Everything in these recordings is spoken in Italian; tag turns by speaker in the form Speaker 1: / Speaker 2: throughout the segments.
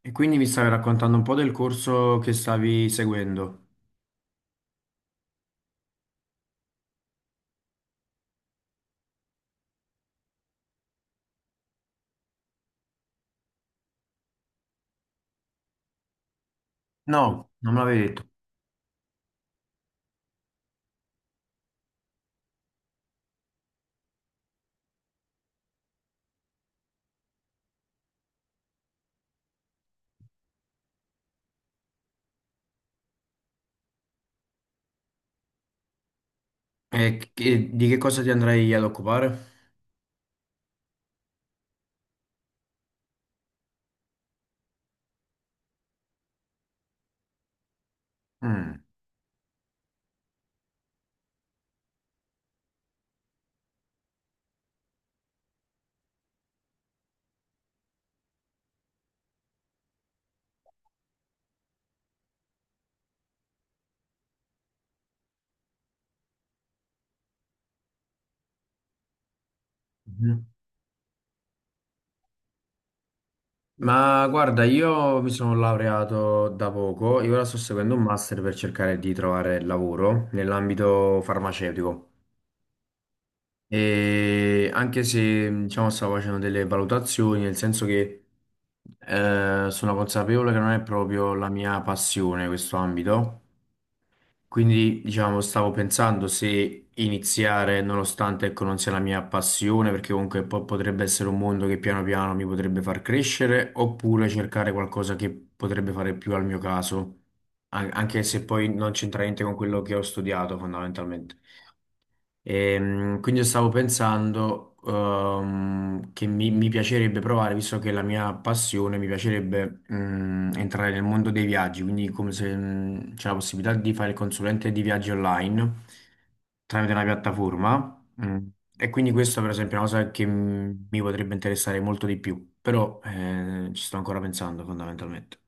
Speaker 1: E quindi mi stavi raccontando un po' del corso che stavi seguendo. No, non me l'avevi detto. E di che cosa ti andrai ad occupare? Mm. Mhm. Ma guarda, io mi sono laureato da poco e ora sto seguendo un master per cercare di trovare lavoro nell'ambito farmaceutico. E anche se, diciamo, stavo facendo delle valutazioni, nel senso che sono consapevole che non è proprio la mia passione questo ambito. Quindi, diciamo, stavo pensando se iniziare, nonostante ecco, non sia la mia passione, perché comunque poi potrebbe essere un mondo che piano piano mi potrebbe far crescere, oppure cercare qualcosa che potrebbe fare più al mio caso, anche se poi non c'entra niente con quello che ho studiato, fondamentalmente. Quindi io stavo pensando che mi piacerebbe provare, visto che è la mia passione, mi piacerebbe entrare nel mondo dei viaggi, quindi come se c'è la possibilità di fare il consulente di viaggi online tramite una piattaforma. E quindi questa per esempio è una cosa che mi potrebbe interessare molto di più, però ci sto ancora pensando fondamentalmente.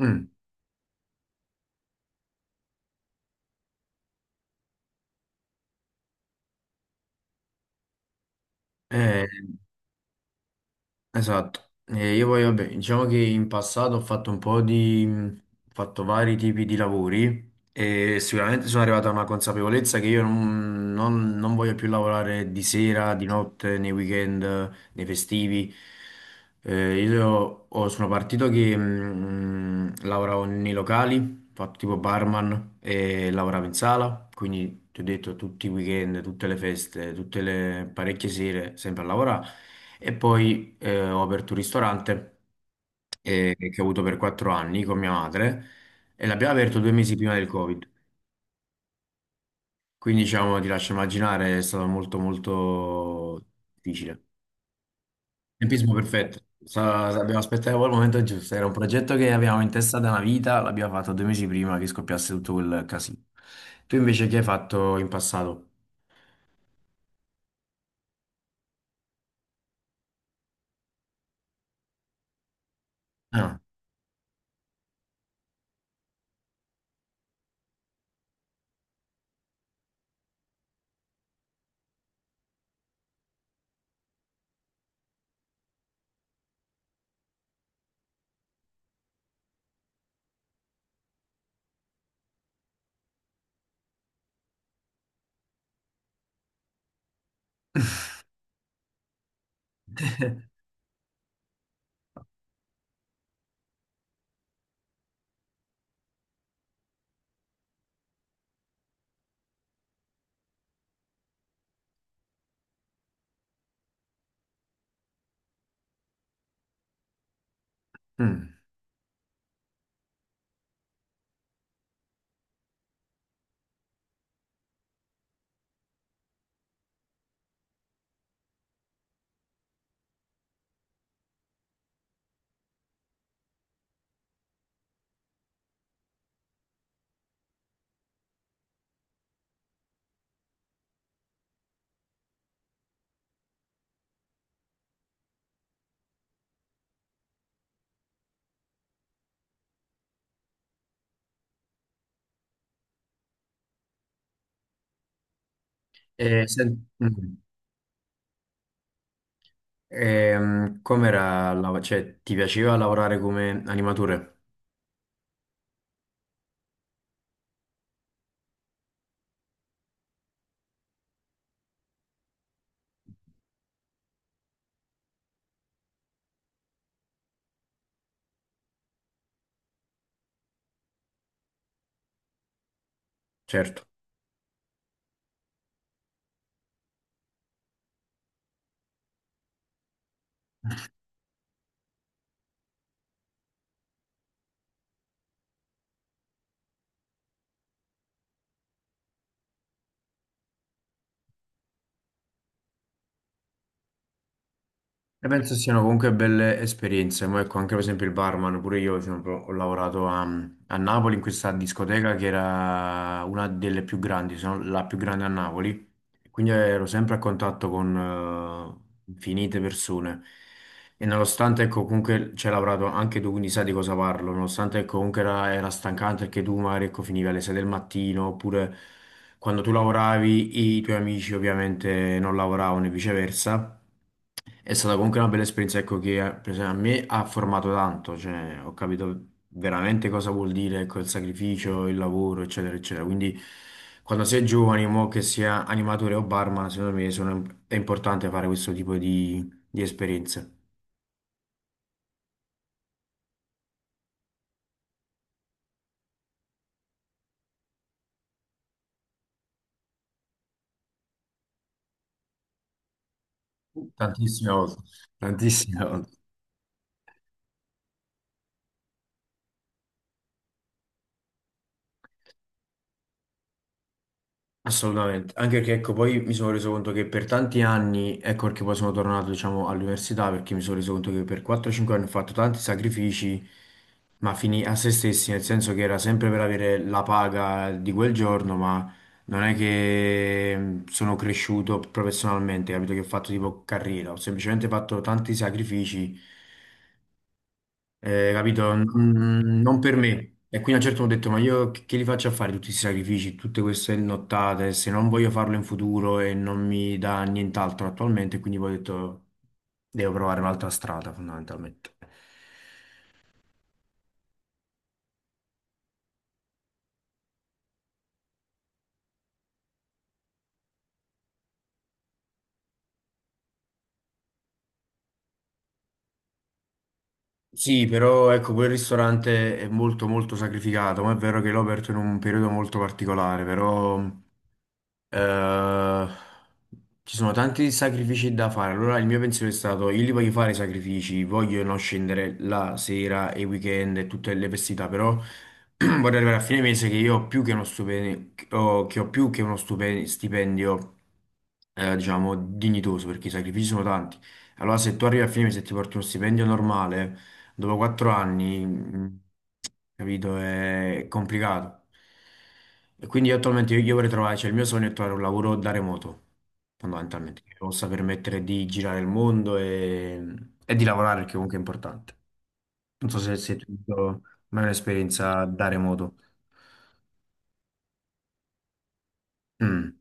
Speaker 1: Mm. Eh, Esatto. Io poi vabbè, diciamo che in passato ho fatto un po' di, ho fatto vari tipi di lavori e sicuramente sono arrivato a una consapevolezza che io non voglio più lavorare di sera, di notte, nei weekend, nei festivi. Io sono partito che lavoravo nei locali, fatto tipo barman e lavoravo in sala, quindi ti ho detto tutti i weekend, tutte le feste, tutte le parecchie sere, sempre a lavorare. E poi ho aperto un ristorante che ho avuto per 4 anni con mia madre e l'abbiamo aperto 2 mesi prima del Covid. Quindi diciamo, ti lascio immaginare, è stato molto molto difficile. Tempismo perfetto. Abbiamo aspettato il momento giusto, era un progetto che avevamo in testa da una vita, l'abbiamo fatto 2 mesi prima che scoppiasse tutto quel casino. Tu invece che hai fatto in passato? Ah. Mm. E sen- mm. Com'era cioè, ti piaceva lavorare come animatore? Certo. E penso siano comunque belle esperienze, ma ecco anche per esempio il barman, pure io esempio, ho lavorato a Napoli in questa discoteca che era una delle più grandi, se non la più grande a Napoli, quindi ero sempre a contatto con infinite persone e nonostante ecco comunque ci hai lavorato anche tu, quindi sai di cosa parlo, nonostante ecco comunque era stancante perché tu magari ecco finivi alle 6 del mattino oppure quando tu lavoravi i tuoi amici ovviamente non lavoravano e viceversa. È stata comunque una bella esperienza, ecco, che per esempio, a me ha formato tanto, cioè ho capito veramente cosa vuol dire, ecco, il sacrificio, il lavoro, eccetera, eccetera. Quindi quando sei giovane, mo che sia animatore o barman, secondo me è importante fare questo tipo di esperienze. Tantissime volte, tantissime volte. Assolutamente, anche perché ecco, poi mi sono reso conto che per tanti anni, ecco perché poi sono tornato, diciamo, all'università, perché mi sono reso conto che per 4-5 anni ho fatto tanti sacrifici, ma fini a se stessi, nel senso che era sempre per avere la paga di quel giorno, ma non è che sono cresciuto professionalmente, capito che ho fatto tipo carriera, ho semplicemente fatto tanti sacrifici capito? Mm. Non per me. E quindi a un certo punto ho detto, ma io che li faccio a fare tutti questi sacrifici, tutte queste nottate, se non voglio farlo in futuro e non mi dà nient'altro attualmente, quindi poi ho detto, devo provare un'altra strada fondamentalmente. Sì, però ecco, quel ristorante è molto molto sacrificato, ma è vero che l'ho aperto in un periodo molto particolare, però Eh, ci sono tanti sacrifici da fare. Allora, il mio pensiero è stato: io li voglio fare i sacrifici, voglio non scendere la sera e i weekend e tutte le festività, però vorrei arrivare a fine mese che io ho più che uno stipendio, che ho più che uno stipendio, diciamo, dignitoso, perché i sacrifici sono tanti. Allora, se tu arrivi a fine mese e ti porti uno stipendio normale. Dopo 4 anni, capito, è complicato. E quindi io attualmente io vorrei trovare, cioè il mio sogno è trovare un lavoro da remoto, fondamentalmente, che possa permettere di girare il mondo e di lavorare, perché comunque è importante. Non so se tu hai mai un'esperienza da remoto. Mm.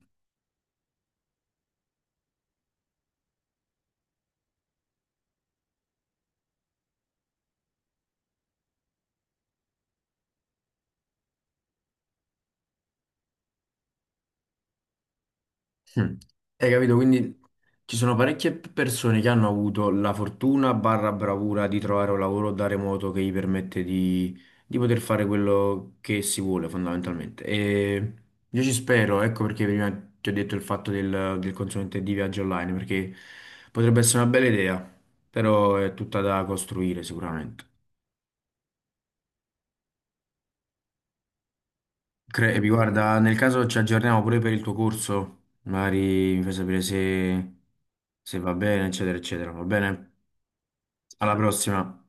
Speaker 1: Mm. Hai capito? Quindi ci sono parecchie persone che hanno avuto la fortuna barra bravura di trovare un lavoro da remoto che gli permette di poter fare quello che si vuole fondamentalmente. E io ci spero, ecco perché prima ti ho detto il fatto del consulente di viaggio online, perché potrebbe essere una bella idea, però è tutta da costruire sicuramente. E guarda, nel caso ci aggiorniamo pure per il tuo corso, magari mi fai sapere se va bene, eccetera, eccetera, va bene? Alla prossima.